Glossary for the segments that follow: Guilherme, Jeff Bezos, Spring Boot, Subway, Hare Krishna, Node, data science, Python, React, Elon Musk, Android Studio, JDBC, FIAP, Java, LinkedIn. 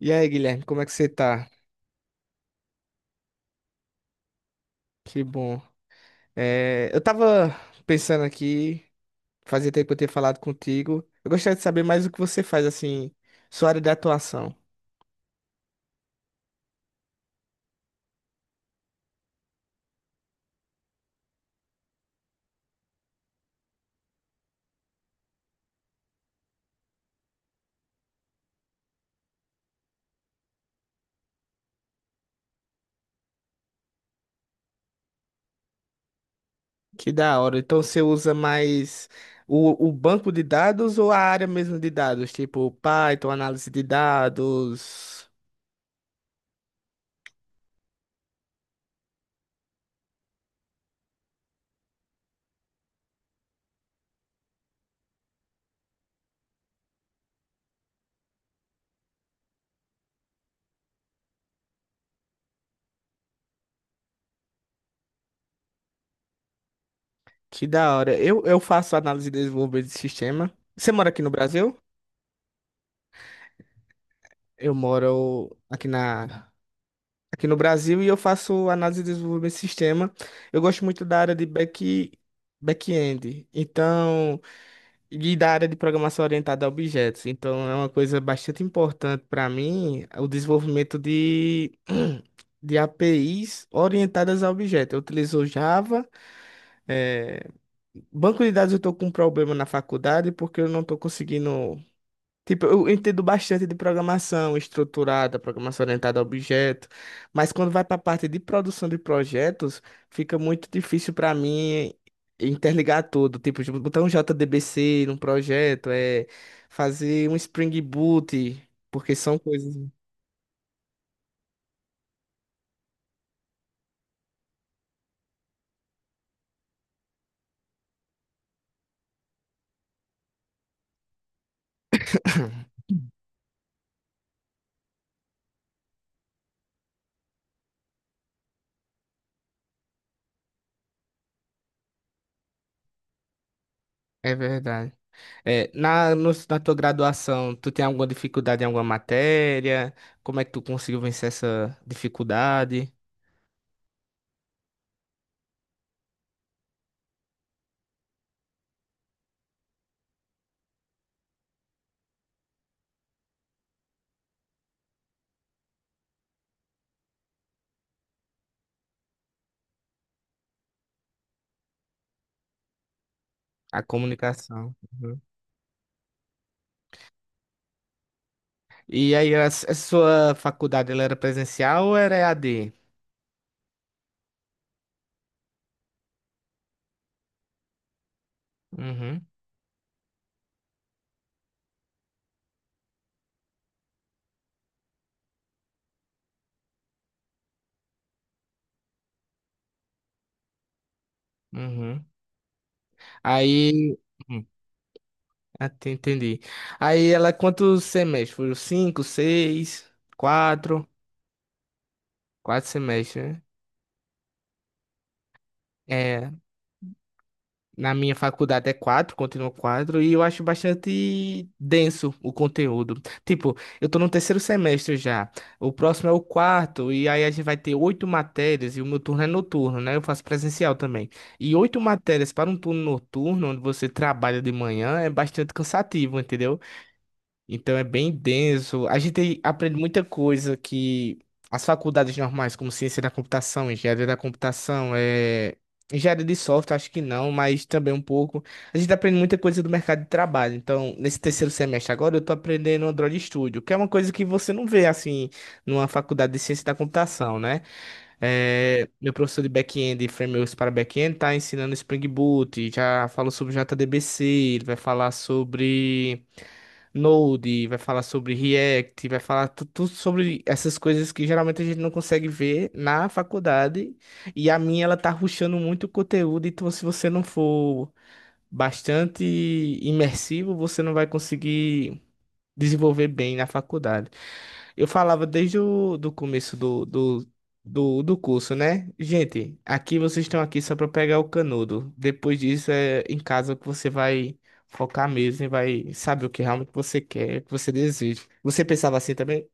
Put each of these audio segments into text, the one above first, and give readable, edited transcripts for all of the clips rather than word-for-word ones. E aí, Guilherme, como é que você tá? Que bom. É, eu tava pensando aqui, fazia tempo que eu tinha falado contigo. Eu gostaria de saber mais o que você faz, assim, sua área de atuação. Que da hora. Então você usa mais o banco de dados ou a área mesmo de dados? Tipo Python, análise de dados. Que da hora. Eu faço análise de desenvolvimento de sistema. Você mora aqui no Brasil? Eu moro aqui no Brasil e eu faço análise de desenvolvimento de sistema. Eu gosto muito da área de back-end, então, e da área de programação orientada a objetos. Então, é uma coisa bastante importante para mim, o desenvolvimento de, de APIs orientadas a objetos. Eu utilizo Java. é, Banco de dados eu estou com um problema na faculdade porque eu não estou conseguindo. Tipo, eu entendo bastante de programação estruturada, programação orientada a objeto, mas quando vai para a parte de produção de projetos, fica muito difícil para mim interligar tudo. Tipo, de botar um JDBC num projeto, é fazer um Spring Boot, porque são coisas. É verdade. É, na, na tua graduação, tu tem alguma dificuldade em alguma matéria? Como é que tu conseguiu vencer essa dificuldade? A comunicação. E aí, a, a sua faculdade, ela era presencial ou era EAD? Uhum, uhum. Aí, Hum, até entendi. Aí, ela, quantos semestres? Foram cinco, seis, quatro? Quatro semestres, né? É. Na minha faculdade é quatro, continua quatro, e eu acho bastante denso o conteúdo. Tipo, eu tô no terceiro semestre já, o próximo é o quarto, e aí a gente vai ter oito matérias, e o meu turno é noturno, né? Eu faço presencial também. E oito matérias para um turno noturno, onde você trabalha de manhã, é bastante cansativo, entendeu? Então é bem denso. A gente aprende muita coisa que as faculdades normais, como ciência da computação, engenharia da computação, engenharia de software, acho que não, mas também um pouco. A gente aprende muita coisa do mercado de trabalho. Então, nesse terceiro semestre agora, eu tô aprendendo Android Studio, que é uma coisa que você não vê assim numa faculdade de ciência da computação, né? Meu professor de back-end e frameworks para back-end tá ensinando Spring Boot, já falou sobre JDBC, ele vai falar sobre Node, vai falar sobre React, vai falar tudo sobre essas coisas que geralmente a gente não consegue ver na faculdade. E a minha, ela tá rushando muito o conteúdo, então se você não for bastante imersivo, você não vai conseguir desenvolver bem na faculdade. Eu falava desde o do começo do curso, né? Gente, aqui vocês estão aqui só para pegar o canudo. Depois disso é em casa que você vai focar mesmo e vai saber o que realmente você quer, o que você deseja. Você pensava assim também?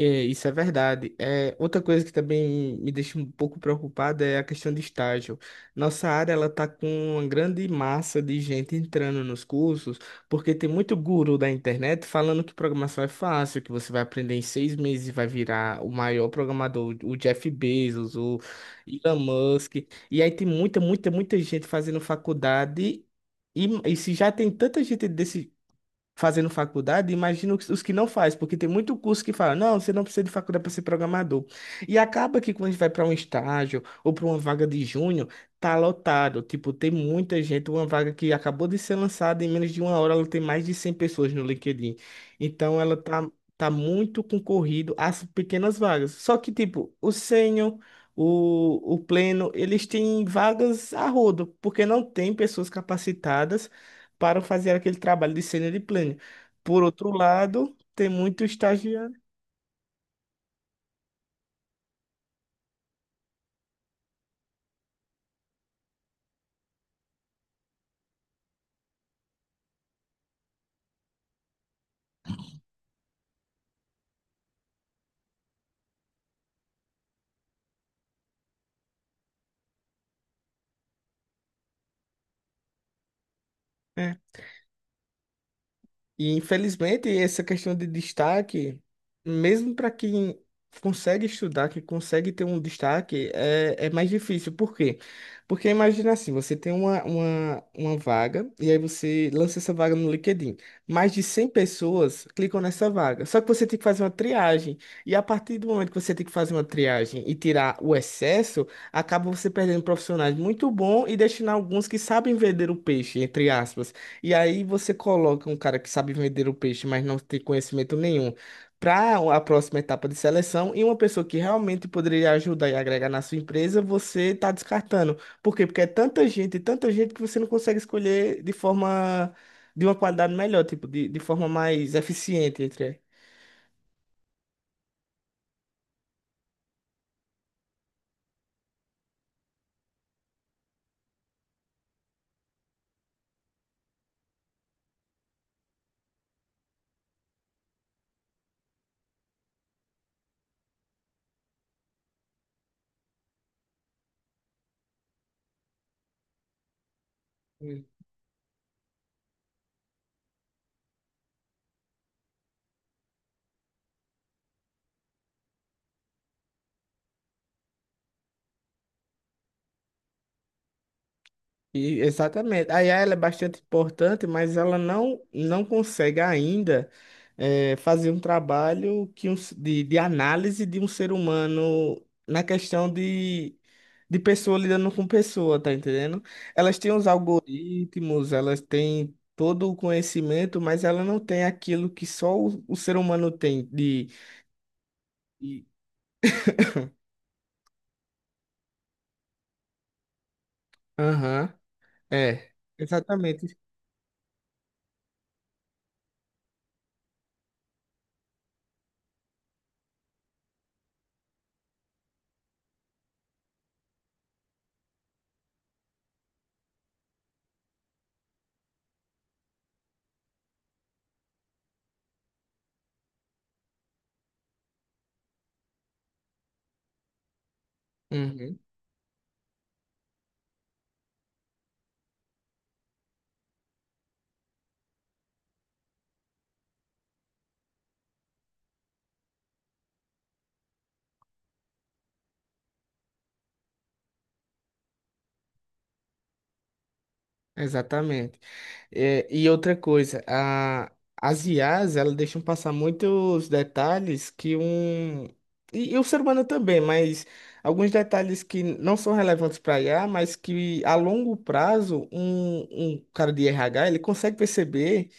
É, isso é verdade. É, outra coisa que também me deixa um pouco preocupada é a questão de estágio. Nossa área ela tá com uma grande massa de gente entrando nos cursos, porque tem muito guru da internet falando que programação é fácil, que você vai aprender em 6 meses e vai virar o maior programador, o Jeff Bezos, o Elon Musk. E aí tem muita, muita, muita gente fazendo faculdade. E se já tem tanta gente desse, fazendo faculdade, imagino os que não faz, porque tem muito curso que fala, não, você não precisa de faculdade para ser programador. E acaba que quando a gente vai para um estágio ou para uma vaga de júnior, tá lotado, tipo, tem muita gente, uma vaga que acabou de ser lançada em menos de uma hora, ela tem mais de 100 pessoas no LinkedIn. Então ela tá muito concorrido às pequenas vagas. Só que tipo, o pleno, eles têm vagas a rodo, porque não tem pessoas capacitadas para fazer aquele trabalho de cena de plano. Por outro lado, tem muito estagiário. E infelizmente essa questão de destaque, mesmo para quem consegue estudar, que consegue ter um destaque, é mais difícil. Por quê? Porque imagina assim, você tem uma vaga e aí você lança essa vaga no LinkedIn. Mais de 100 pessoas clicam nessa vaga. Só que você tem que fazer uma triagem. E a partir do momento que você tem que fazer uma triagem e tirar o excesso, acaba você perdendo profissionais muito bons e deixando alguns que sabem vender o peixe, entre aspas. E aí você coloca um cara que sabe vender o peixe, mas não tem conhecimento nenhum, para a próxima etapa de seleção, e uma pessoa que realmente poderia ajudar e agregar na sua empresa, você está descartando. Por quê? Porque é tanta gente que você não consegue escolher de forma, de uma qualidade melhor, tipo, de forma mais eficiente, entre. E, exatamente. A IA ela é bastante importante, mas ela não, não consegue ainda fazer um trabalho que de análise de um ser humano na questão de pessoa lidando com pessoa, tá entendendo? Elas têm os algoritmos, elas têm todo o conhecimento, mas ela não tem aquilo que só o ser humano tem de... de- Aham, é. Exatamente. Uhum, exatamente. E outra coisa, as IAs, elas deixam passar muitos detalhes que um. E o ser humano também, mas alguns detalhes que não são relevantes para IA mas que a longo prazo, um cara de RH, ele consegue perceber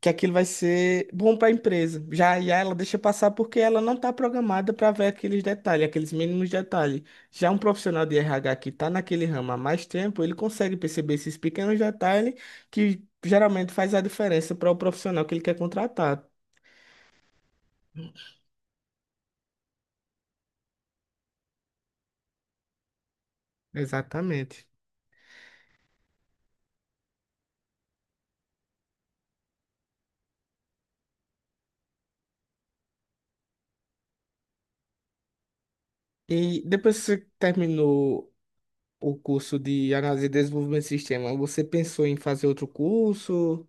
que aquilo vai ser bom para a empresa. Já a ela deixa passar porque ela não está programada para ver aqueles detalhes, aqueles mínimos detalhes. Já um profissional de RH que está naquele ramo há mais tempo, ele consegue perceber esses pequenos detalhes que geralmente faz a diferença para o profissional que ele quer contratar. Exatamente. E depois que você terminou o curso de análise e desenvolvimento de sistema, você pensou em fazer outro curso?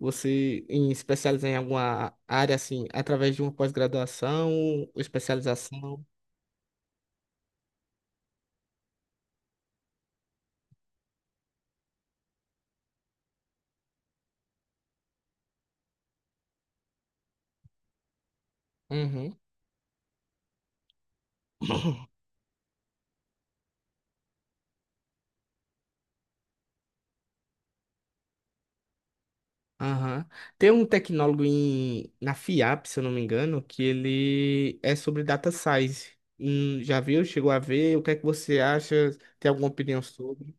Você em especializar em alguma área assim, através de uma pós-graduação ou especialização? Uhum. Aham. Tem um tecnólogo em, na FIAP, se eu não me engano, que ele é sobre data science. Já viu? Chegou a ver? O que é que você acha? Tem alguma opinião sobre?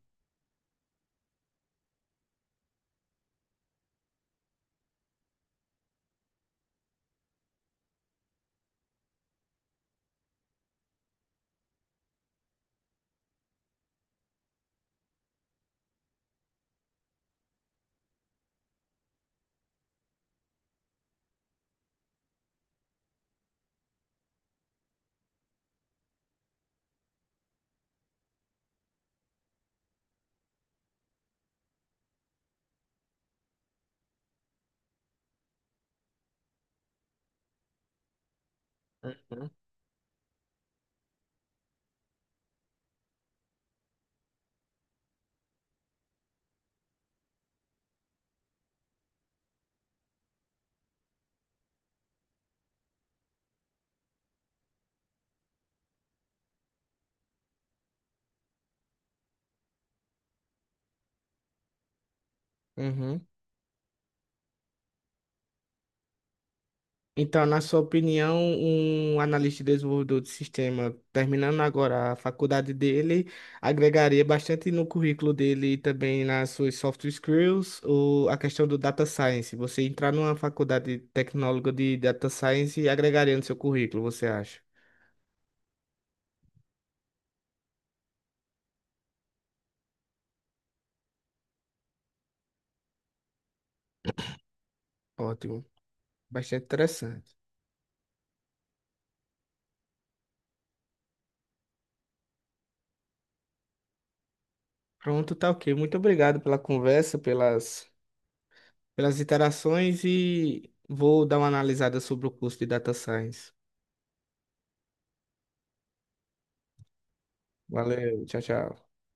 Uhum. Uhum. Então, na sua opinião, um analista e desenvolvedor de sistema, terminando agora a faculdade dele, agregaria bastante no currículo dele e também nas suas soft skills, ou a questão do data science. Você entrar numa faculdade tecnóloga de data science e agregaria no seu currículo, você acha? Ótimo, bastante interessante. Pronto, tá ok. Muito obrigado pela conversa, pelas interações e vou dar uma analisada sobre o curso de data science. Valeu, tchau, tchau.